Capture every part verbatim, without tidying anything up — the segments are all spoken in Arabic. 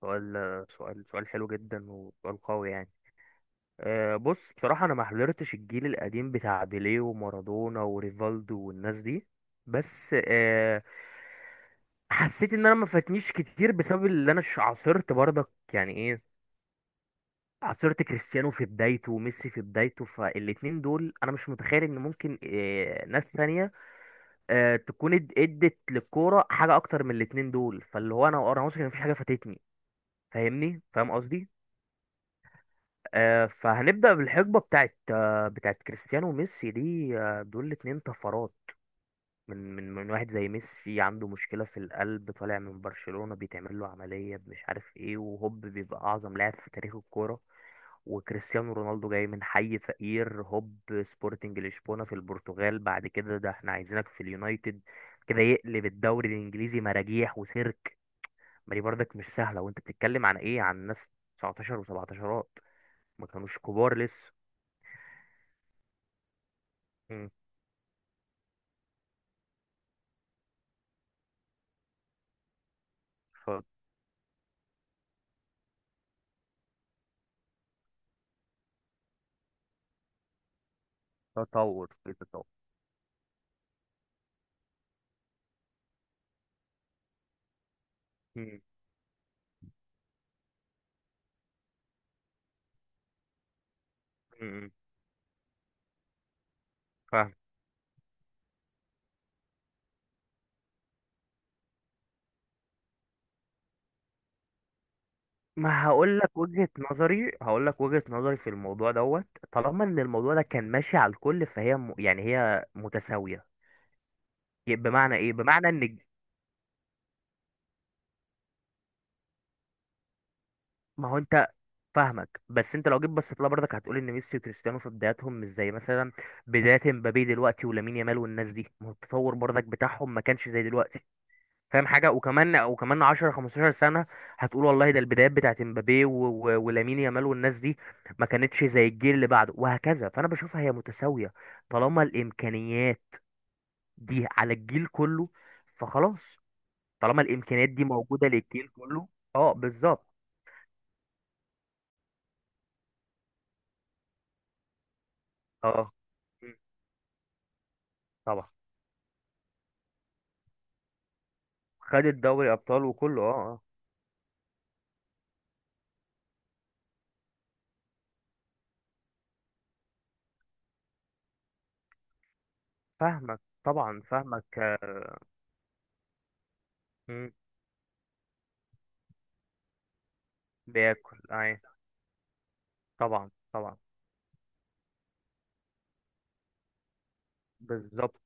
سؤال سؤال سؤال حلو جدا، وسؤال قوي يعني. أه بص، بصراحة أنا ما حضرتش الجيل القديم بتاع بيليه ومارادونا وريفالدو والناس دي. بس أه حسيت إن أنا ما فاتنيش كتير بسبب اللي أنا ش- عاصرت، برضك يعني إيه؟ عاصرت كريستيانو في بدايته وميسي في بدايته، فالاتنين دول أنا مش متخيل إن ممكن أه ناس تانية أه تكون اد- ادت للكورة حاجة أكتر من الاتنين دول. فاللي هو أنا أنا واثق إن مفيش حاجة فاتتني، فاهمني، فاهم قصدي؟ آه، فهنبدأ بالحقبة بتاعت آه، بتاعت كريستيانو وميسي دي. آه، دول الاتنين طفرات. من من من واحد زي ميسي عنده مشكلة في القلب، طالع من برشلونة بيتعمل له عملية مش عارف ايه، وهوب بيبقى أعظم لاعب في تاريخ الكورة. وكريستيانو رونالدو جاي من حي فقير، هوب سبورتنج لشبونة في البرتغال، بعد كده ده احنا عايزينك في اليونايتد، كده يقلب الدوري الإنجليزي مراجيح وسيرك. ما دي برضك مش سهلة، وانت بتتكلم عن ايه؟ عن ناس تسعتاشر و17، ما كانوش كبار لسه. فتطور في تطور. مم. مم. فاهم. ما هقول لك وجهة نظري هقول لك وجهة نظري في الموضوع دوت. طالما ان الموضوع ده كان ماشي على الكل، فهي م... يعني هي متساوية. ي- بمعنى ايه؟ بمعنى ان ج- ما هو انت، فاهمك، بس انت لو جيت بصيت لها برضك هتقول ان ميسي وكريستيانو في بداياتهم مش زي مثلا بداية مبابي دلوقتي ولامين يامال والناس دي، ما هو التطور برضك بتاعهم ما كانش زي دلوقتي. فاهم حاجه؟ وكمان وكمان عشرة خمسة عشر سنه هتقول والله ده البدايات بتاعت امبابي و- و- ولامين يامال والناس دي، ما كانتش زي الجيل اللي بعده وهكذا، فانا بشوفها هي متساويه طالما الامكانيات دي على الجيل كله، فخلاص، طالما الامكانيات دي موجوده للجيل كله. اه، بالظبط. اه، م، طبعا. خدت دوري ابطال وكله. اه، اه. فاهمك، طبعا فاهمك. آه، م، بياكل اي؟ طبعا، طبعا. بالظبط.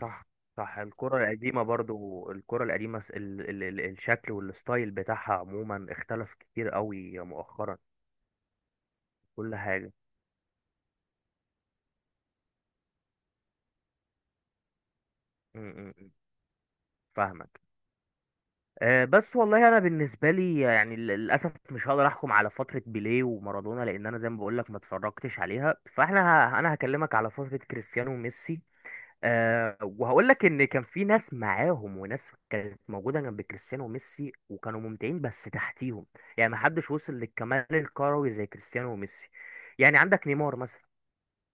صح. صح، الكرة القديمة، برضو الكرة القديمة، س- ال ال ال الشكل والستايل بتاعها عموما اختلف كتير قوي مؤخرا. كل حاجة. م- م- م. فاهمك. آه، بس والله انا بالنسبة لي يعني لل- للأسف مش هقدر احكم على فترة بيليه ومارادونا، لان انا زي ما بقولك ما اتفرجتش عليها. فاحنا ه- انا هكلمك على فترة كريستيانو وميسي. أه وهقول لك ان كان في ناس معاهم، وناس كانت موجوده جنب كريستيانو وميسي وكانوا ممتعين بس تحتيهم. يعني ما حدش وصل للكمال الكروي زي كريستيانو وميسي. يعني عندك نيمار مثلا،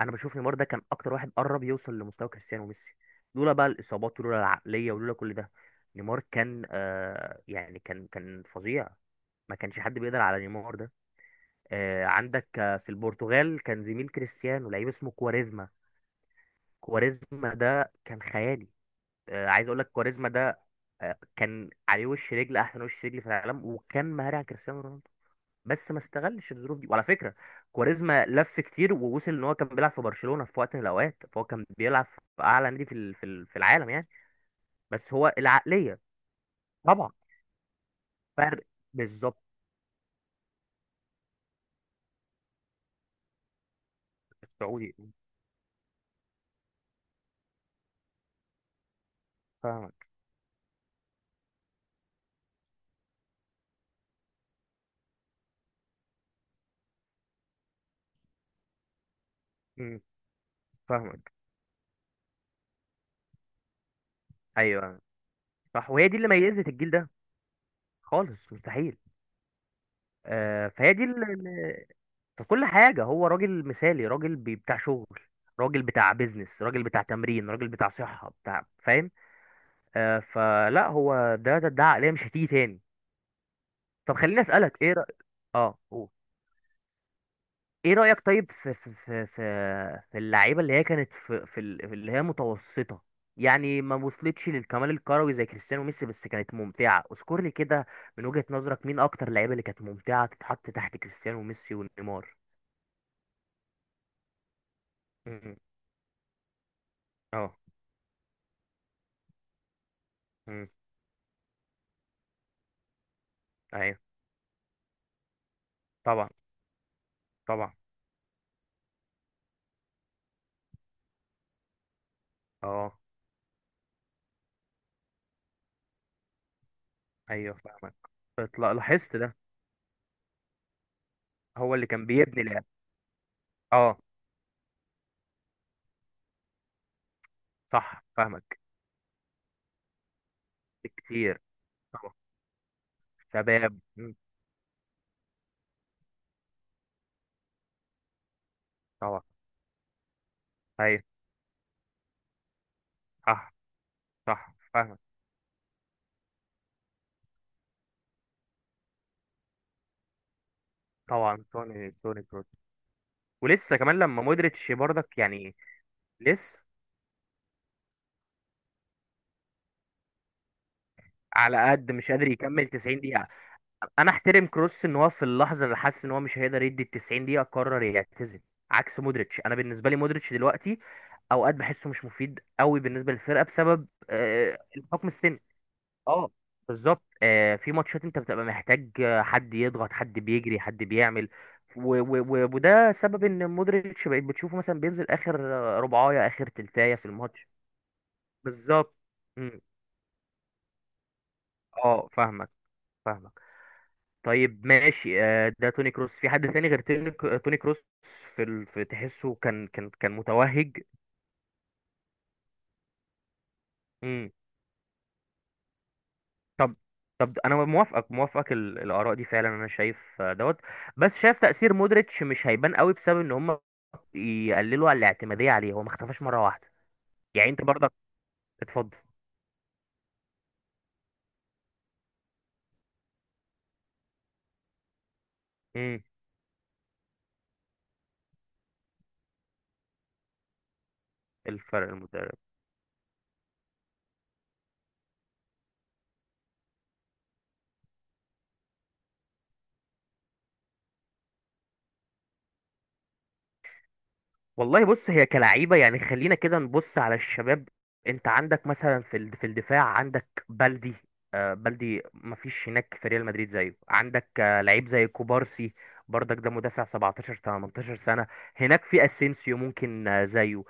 انا بشوف نيمار ده كان اكتر واحد قرب يوصل لمستوى كريستيانو وميسي، لولا بقى الاصابات ولولا العقليه ولولا كل ده. نيمار كان أه يعني كان كان فظيع، ما كانش حد بيقدر على نيمار ده. أه عندك آه، في البرتغال كان زميل كريستيانو لعيب اسمه كواريزما. كواريزما ده كان خيالي. آه، عايز اقول لك كواريزما ده آه، كان عليه وش رجل، احسن وش رجل في العالم، وكان مهاري على كريستيانو رونالدو. بس ما استغلش الظروف دي. وعلى فكره، كواريزما لف كتير، ووصل ان هو كان بيلعب في برشلونه في وقت من الاوقات، فهو كان بيلعب في اعلى نادي في ال- في ال- في العالم يعني. بس هو العقليه، طبعا فرق. بالظبط. السعودي. فاهمك. مم، فاهمك. ايوه، صح، وهي دي اللي ميزت الجيل ده، خالص، مستحيل. آه، فهي دي في كل حاجة. هو راجل مثالي، راجل بي- بتاع شغل، راجل بتاع بيزنس، راجل بتاع تمرين، راجل بتاع صحة، بتاع، فاهم. آه فلا، هو ده ده, ده عقلية مش هتيجي تاني. طب خليني أسألك، ايه رأيك. اه، قول. ايه رأيك طيب في في في في, في اللعيبة اللي هي كانت في في ال- في اللي هي متوسطة، يعني ما وصلتش للكمال الكروي زي كريستيانو وميسي بس كانت ممتعة. اذكر لي كده من وجهة نظرك، مين اكتر لعيبة اللي كانت ممتعة تتحط تحت كريستيانو وميسي ونيمار؟ مم. اه. مم. ايوه. طبعا، طبعا. اه، ايوه، فاهمك. طيب، لا- لاحظت ده. هو اللي كان بيبني لعب. اه، صح، فاهمك. كتير، طبعا. شباب. مم، طبعا. ايوه، صح، صح، فاهمك، طبعا. توني توني كروس. ولسه كمان لما مودريتش برضك يعني، لسه، على قد مش قادر يكمل تسعين دقيقة. انا احترم كروس ان هو في اللحظة اللي حس ان هو مش هيقدر يدي ال تسعين دقيقة قرر يعتزل، عكس مودريتش. انا بالنسبة لي مودريتش دلوقتي اوقات بحسه مش مفيد قوي بالنسبه للفرقه بسبب آه، الحكم السني. اه، بالظبط. آه في ماتشات انت بتبقى محتاج آه، حد يضغط، حد بيجري، حد بيعمل. و و و وده سبب ان مودريتش بقيت بتشوفه مثلا بينزل اخر آه، ربعايه، اخر تلتايه في الماتش. بالظبط. مم. اه، فاهمك، فاهمك. طيب ماشي، آه ده توني كروس. في حد تاني غير توني؟ توني كروس في, ال... في تحسه كان كان كان متوهج. مم. طب طب انا موافقك موافقك ال- الاراء دي فعلا. انا شايف آه، دوت. بس شايف تأثير مودريتش مش هيبان قوي بسبب ان هم يقللوا على الاعتمادية عليه، هو ما اختفاش مرة واحدة. يعني انت برضك. اتفضل. امم الفرق المدرب. والله بص، هي كلعيبة يعني، خلينا كده نبص على الشباب. انت عندك مثلا في الد- في الدفاع عندك بلدي. آه بلدي ما فيش هناك في ريال مدريد زيه. عندك آه لعيب زي كوبارسي، برضك ده مدافع سبعتاشر تمنتاشر سنة. هناك في اسينسيو ممكن آه زيه.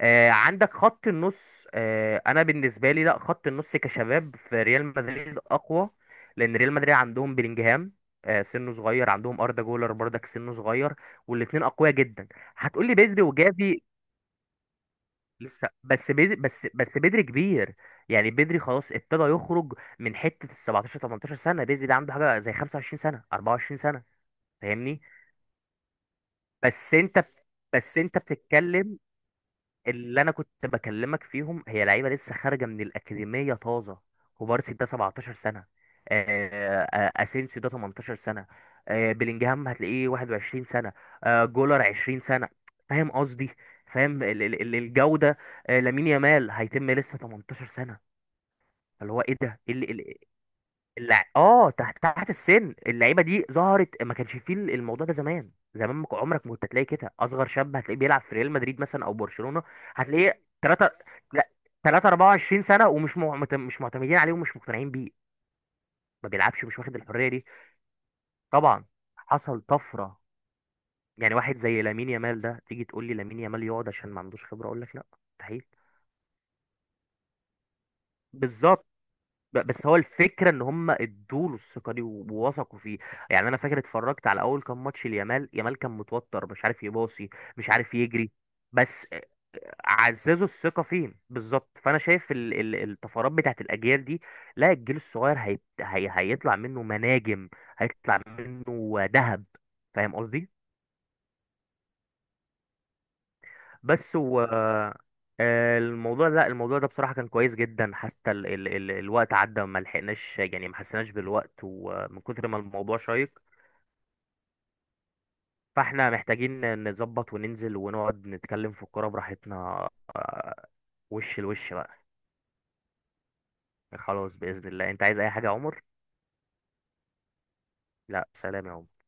آه، عندك خط النص. آه، انا بالنسبه لي، لا، خط النص كشباب في ريال مدريد اقوى، لان ريال مدريد عندهم بلينجهام، آه، سنه صغير، عندهم اردا جولر برضك، سنه صغير، والاثنين اقوياء جدا. هتقول لي بدري وجافي. لسه، بس بدري، بس بس بدري كبير، يعني بدري خلاص ابتدى يخرج من حته ال سبعتاشر تمنتاشر سنه، بدري ده عنده حاجه زي خمسة وعشرين سنه اربعة وعشرين سنه. فاهمني. بس انت بس انت بتتكلم. اللي انا كنت بكلمك فيهم هي لعيبه لسه خارجه من الاكاديميه طازه، كوبارسي ده سبعتاشر سنه. آه، آه، آه، اسينسيو ده تمنتاشر سنه. آه، بلينجهام هتلاقيه واحد وعشرين سنه. آه، جولر عشرين سنه. فاهم قصدي؟ فاهم ال- ال- ال- الجوده. آه، لامين يامال هيتم لسه تمنتاشر سنه. اللي هو ايه ده ايه؟ الع... اه، تحت تحت السن. اللعيبه دي ظهرت، ما كانش فيه الموضوع ده زمان، زمان ما كان- عمرك ما كنت هتلاقي كده اصغر شاب هتلاقيه بيلعب في ريال مدريد مثلا او برشلونه. هتلاقيه تلاتة. لا، تلاتة اربعة وعشرين سنه، ومش معتم... مش معتمدين عليه ومش مقتنعين بيه. ما بيلعبش، مش واخد الحريه دي. طبعا، حصل طفره. يعني واحد زي لامين يامال ده، تيجي تقول لي لامين يامال يقعد عشان ما عندوش خبره؟ اقول لك لا، مستحيل. بالظبط. ب- بس هو الفكرة ان هم ادوله الثقة دي و- ووثقوا فيه. يعني انا فاكر اتفرجت على اول كام ماتش ليامال، يامال كان متوتر مش عارف يباصي، مش عارف يجري. بس عززوا الثقة فين بالظبط، فانا شايف ال- ال- الطفرات بتاعت الاجيال دي. لا، الجيل الصغير هيت- هي هيطلع منه مناجم، هيطلع منه ذهب. فاهم قصدي؟ بس و آه، الموضوع، لا الموضوع ده بصراحة كان كويس جدا، حتى ال... ال... ال... الوقت عدى وما لحقناش، يعني ما حسيناش بالوقت ومن كتر ما الموضوع شيق. فاحنا محتاجين نظبط وننزل ونقعد نتكلم في الكورة براحتنا. آه، وش لوش بقى. خلاص بإذن الله. انت عايز اي حاجة يا عمر؟ لا، سلام يا عمر.